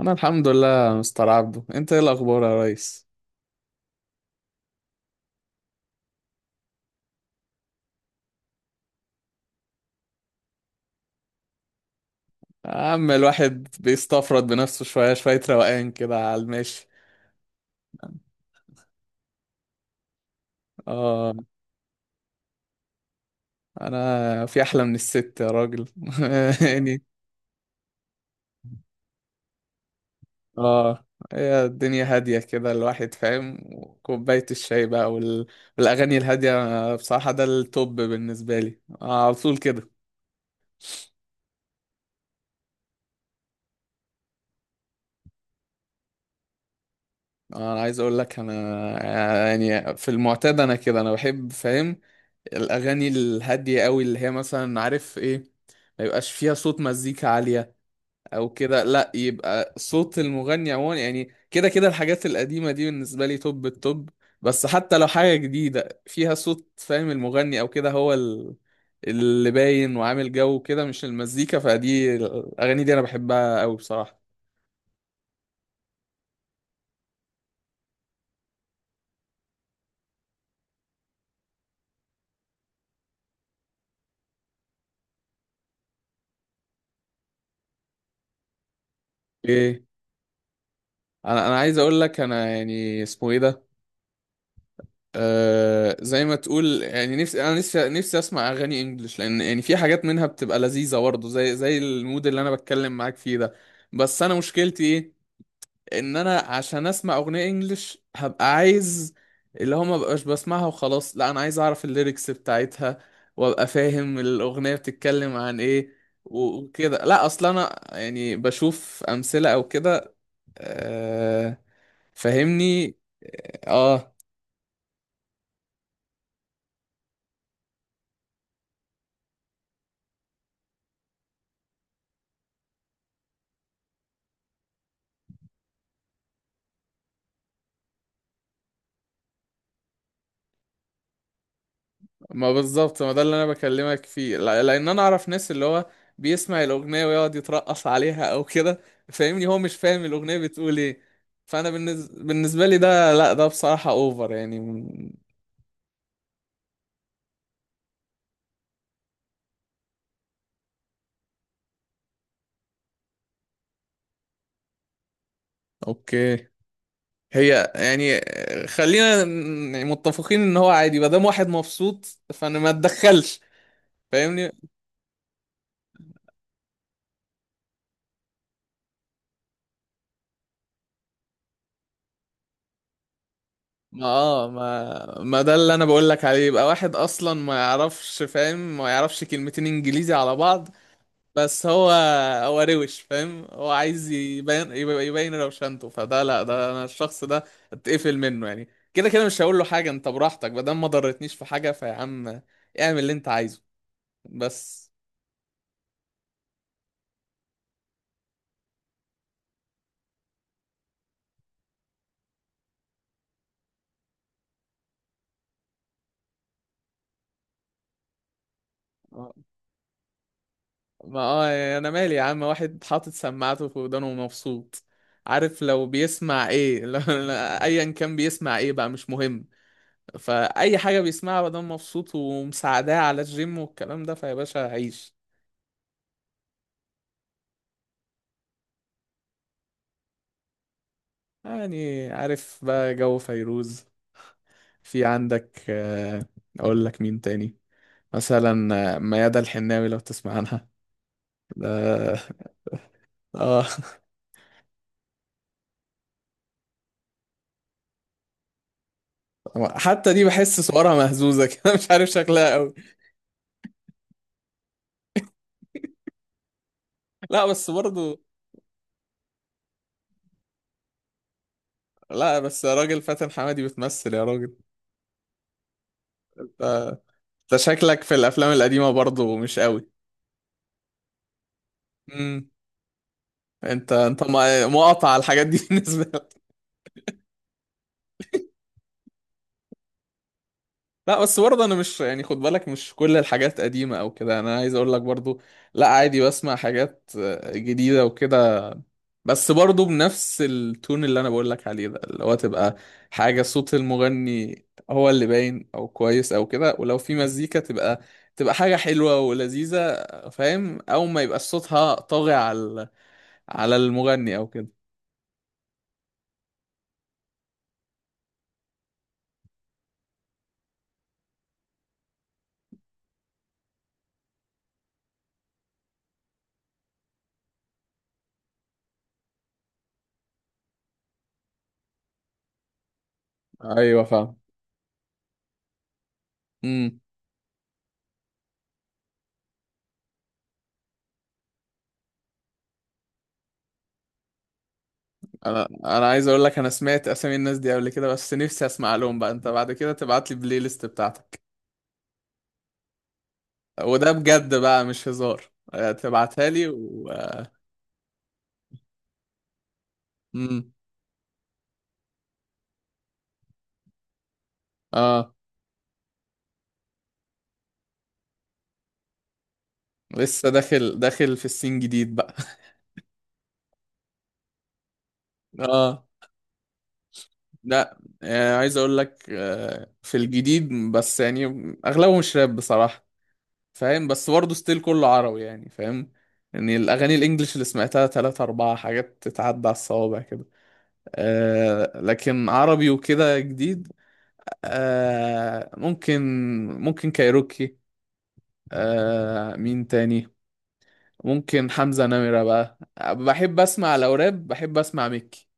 انا الحمد لله يا مستر عبده، انت ايه الاخبار يا ريس؟ يا عم الواحد بيستفرد بنفسه شويه شويه، روقان كده على المشي. اه. انا في احلى من الست يا راجل. يعني. اه. هي الدنيا هاديه كده الواحد فاهم، وكوبايه الشاي بقى، والاغاني الهاديه بصراحه، ده التوب بالنسبه لي، على طول كده. انا عايز اقول لك، انا يعني في المعتاد انا كده انا بحب فاهم الاغاني الهاديه قوي، اللي هي مثلا عارف ايه، ما يبقاش فيها صوت مزيكا عاليه او كده، لا يبقى صوت المغني عموما، يعني كده كده الحاجات القديمه دي بالنسبه لي توب التوب. بس حتى لو حاجه جديده فيها صوت فاهم المغني او كده، اللي باين وعامل جو كده، مش المزيكا، فدي الاغاني دي انا بحبها قوي بصراحه. ايه؟ انا عايز اقول لك، انا يعني اسمه ايه ده، زي ما تقول يعني نفسي، انا نفسي اسمع اغاني انجلش، لان يعني في حاجات منها بتبقى لذيذه برضه، زي المود اللي انا بتكلم معاك فيه ده. بس انا مشكلتي ايه؟ ان انا عشان اسمع اغنيه انجلش هبقى عايز، اللي هو ما بقاش بسمعها وخلاص لا، انا عايز اعرف الليركس بتاعتها، وابقى فاهم الاغنيه بتتكلم عن ايه وكده، لا اصلا انا يعني بشوف امثله او كده. آه. فاهمني. اه. ما بالظبط، ما ده اللي انا بكلمك فيه، لان انا اعرف ناس اللي هو بيسمع الاغنيه ويقعد يترقص عليها او كده، فاهمني، هو مش فاهم الاغنيه بتقول ايه. بالنسبه لي ده، لا ده بصراحه اوفر يعني اوكي. هي يعني، خلينا يعني متفقين ان هو عادي، ما دام واحد مبسوط فانا ما اتدخلش، فاهمني. ما اه ما ما ده اللي انا بقول لك عليه، يبقى واحد اصلا ما يعرفش فاهم، ما يعرفش كلمتين انجليزي على بعض، بس هو روش فاهم، هو عايز يبين، يبقى يبين روشنته، فده لا، ده انا الشخص ده اتقفل منه يعني، كده كده مش هقول له حاجه، انت براحتك ما دام ما ضرتنيش في حاجه، فيا عم اعمل اللي انت عايزه بس. ما اه يعني انا مالي يا عم، واحد حاطط سماعته في ودانه ومبسوط، عارف لو بيسمع ايه. لو ايا كان بيسمع ايه بقى مش مهم، فاي حاجه بيسمعها ما دام مبسوط ومساعداه على الجيم والكلام ده، فيا باشا عيش. يعني عارف بقى جو فيروز، في عندك اقول لك مين تاني؟ مثلا ميادة الحناوي لو تسمع عنها. ده اه. حتى دي بحس صورها مهزوزة كده، مش عارف شكلها قوي. لا بس برضو. لا بس يا راجل، فاتن حمادي بتمثل يا راجل. ده, ده شكلك في الافلام القديمة برضو مش قوي. امم. انت مقاطع على الحاجات دي بالنسبة. لا بس برضه انا مش يعني، خد بالك مش كل الحاجات قديمة او كده، انا عايز اقول لك برضه، لا عادي بسمع حاجات جديدة وكده، بس برضه بنفس التون اللي انا بقول لك عليه ده، اللي هو تبقى حاجة صوت المغني هو اللي باين او كويس او كده، ولو في مزيكا تبقى حاجة حلوة ولذيذة، فاهم، او ما يبقى صوتها طاغي على المغني او كده. ايوه فاهم. امم. انا عايز اقول لك، انا سمعت اسامي الناس دي قبل كده، بس نفسي اسمع لهم بقى، انت بعد كده تبعت لي البلاي ليست بتاعتك. وده بجد بقى مش هزار، تبعتها لي امم. اه لسه داخل في السين جديد بقى. اه. لا، عايز اقول لك في الجديد، بس يعني اغلبهم شراب بصراحة، فاهم، بس برضه ستيل كله عربي يعني، فاهم، يعني الاغاني الانجليش اللي سمعتها ثلاثة اربعة حاجات تتعدى على الصوابع كده. لكن عربي وكده جديد، ممكن، ممكن كايروكي، مين تاني، ممكن حمزة نمرة بقى، بحب اسمع لو راب، بحب اسمع ميكي.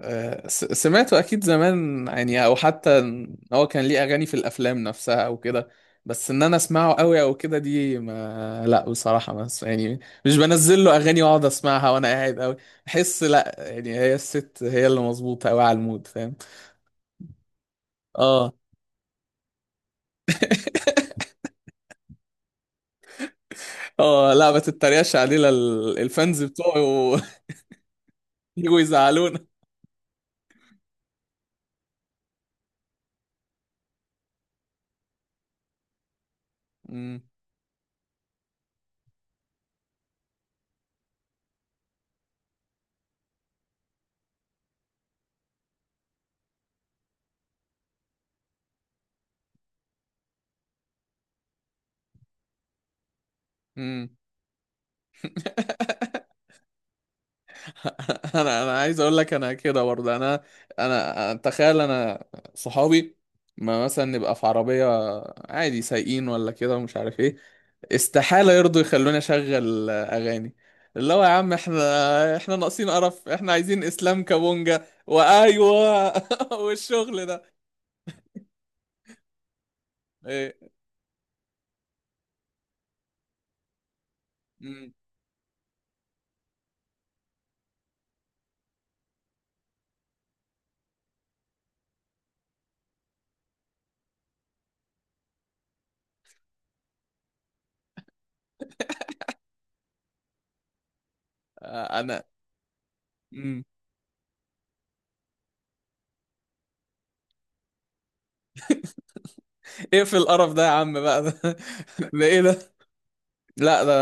سمعته اكيد زمان يعني، او حتى إن هو كان ليه اغاني في الافلام نفسها او كده، بس ان انا اسمعه قوي او كده دي ما، لا بصراحة ما أس- يعني مش بنزل له اغاني واقعد اسمعها، وانا قاعد قوي بحس لا، يعني هي الست هي اللي مظبوطة قوي على المود فاهم. اه. اه لا، ما تتريقش علينا، الفانز بتوعي يجوا يزعلونا. مم. مم. انا عايز اقول لك، انا كده برضه، انا تخيل، انا صحابي، ما مثلا نبقى في عربية عادي، سايقين ولا كده ومش عارف ايه، استحالة يرضوا يخلوني اشغل اغاني، اللي هو يا عم احنا، احنا ناقصين قرف، احنا عايزين اسلام كابونجا وايوه. والشغل ده ايه. مم. انا. مم. اقفل القرف ده يا عم بقى، ده ايه ده، لا ده،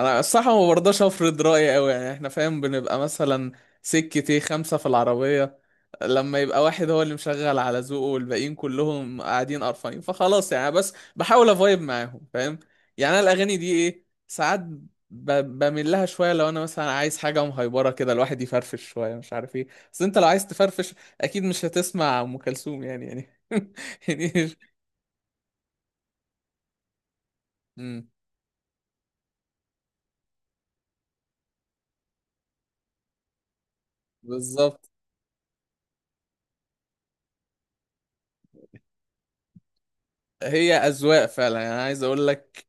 انا الصراحه ما برضاش افرض رايي قوي، يعني احنا فاهم بنبقى مثلا سكة ايه خمسة في العربية، لما يبقى واحد هو اللي مشغل على ذوقه والباقيين كلهم قاعدين قرفانين، فخلاص يعني بس بحاول افايب معاهم فاهم، يعني انا الاغاني دي ايه، ساعات بميل لها شوية لو انا مثلا عايز حاجة مهيبرة كده، الواحد يفرفش شوية مش عارف ايه، بس انت لو عايز تفرفش اكيد مش هتسمع ام كلثوم يعني، يعني مش- مم. بالظبط. هي اذواق فعلا يعني، انا عايز اقول لك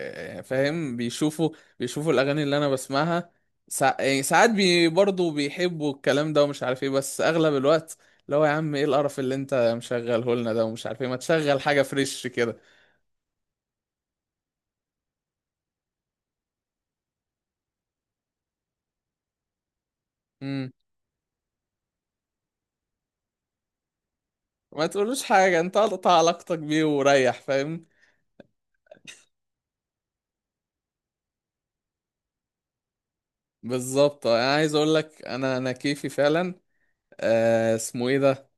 فاهم، بيشوفوا الاغاني اللي انا بسمعها، يعني ساعات برضه بيحبوا الكلام ده ومش عارف ايه، بس اغلب الوقت اللي هو يا عم ايه القرف اللي انت مشغله لنا ده، ومش عارف ايه، ما تشغل حاجه فريش كده. امم. ما تقولوش حاجه، انت قطع علاقتك بيه وريح فاهم. بالظبط، انا عايز اقول لك، انا انا كيفي فعلا، اسمه ايه ده،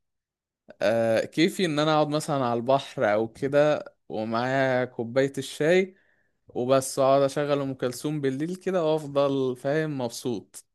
كيفي ان انا اقعد مثلا على البحر او كده، ومعايا كوبايه الشاي وبس، اقعد اشغل ام كلثوم بالليل كده وافضل فاهم مبسوط.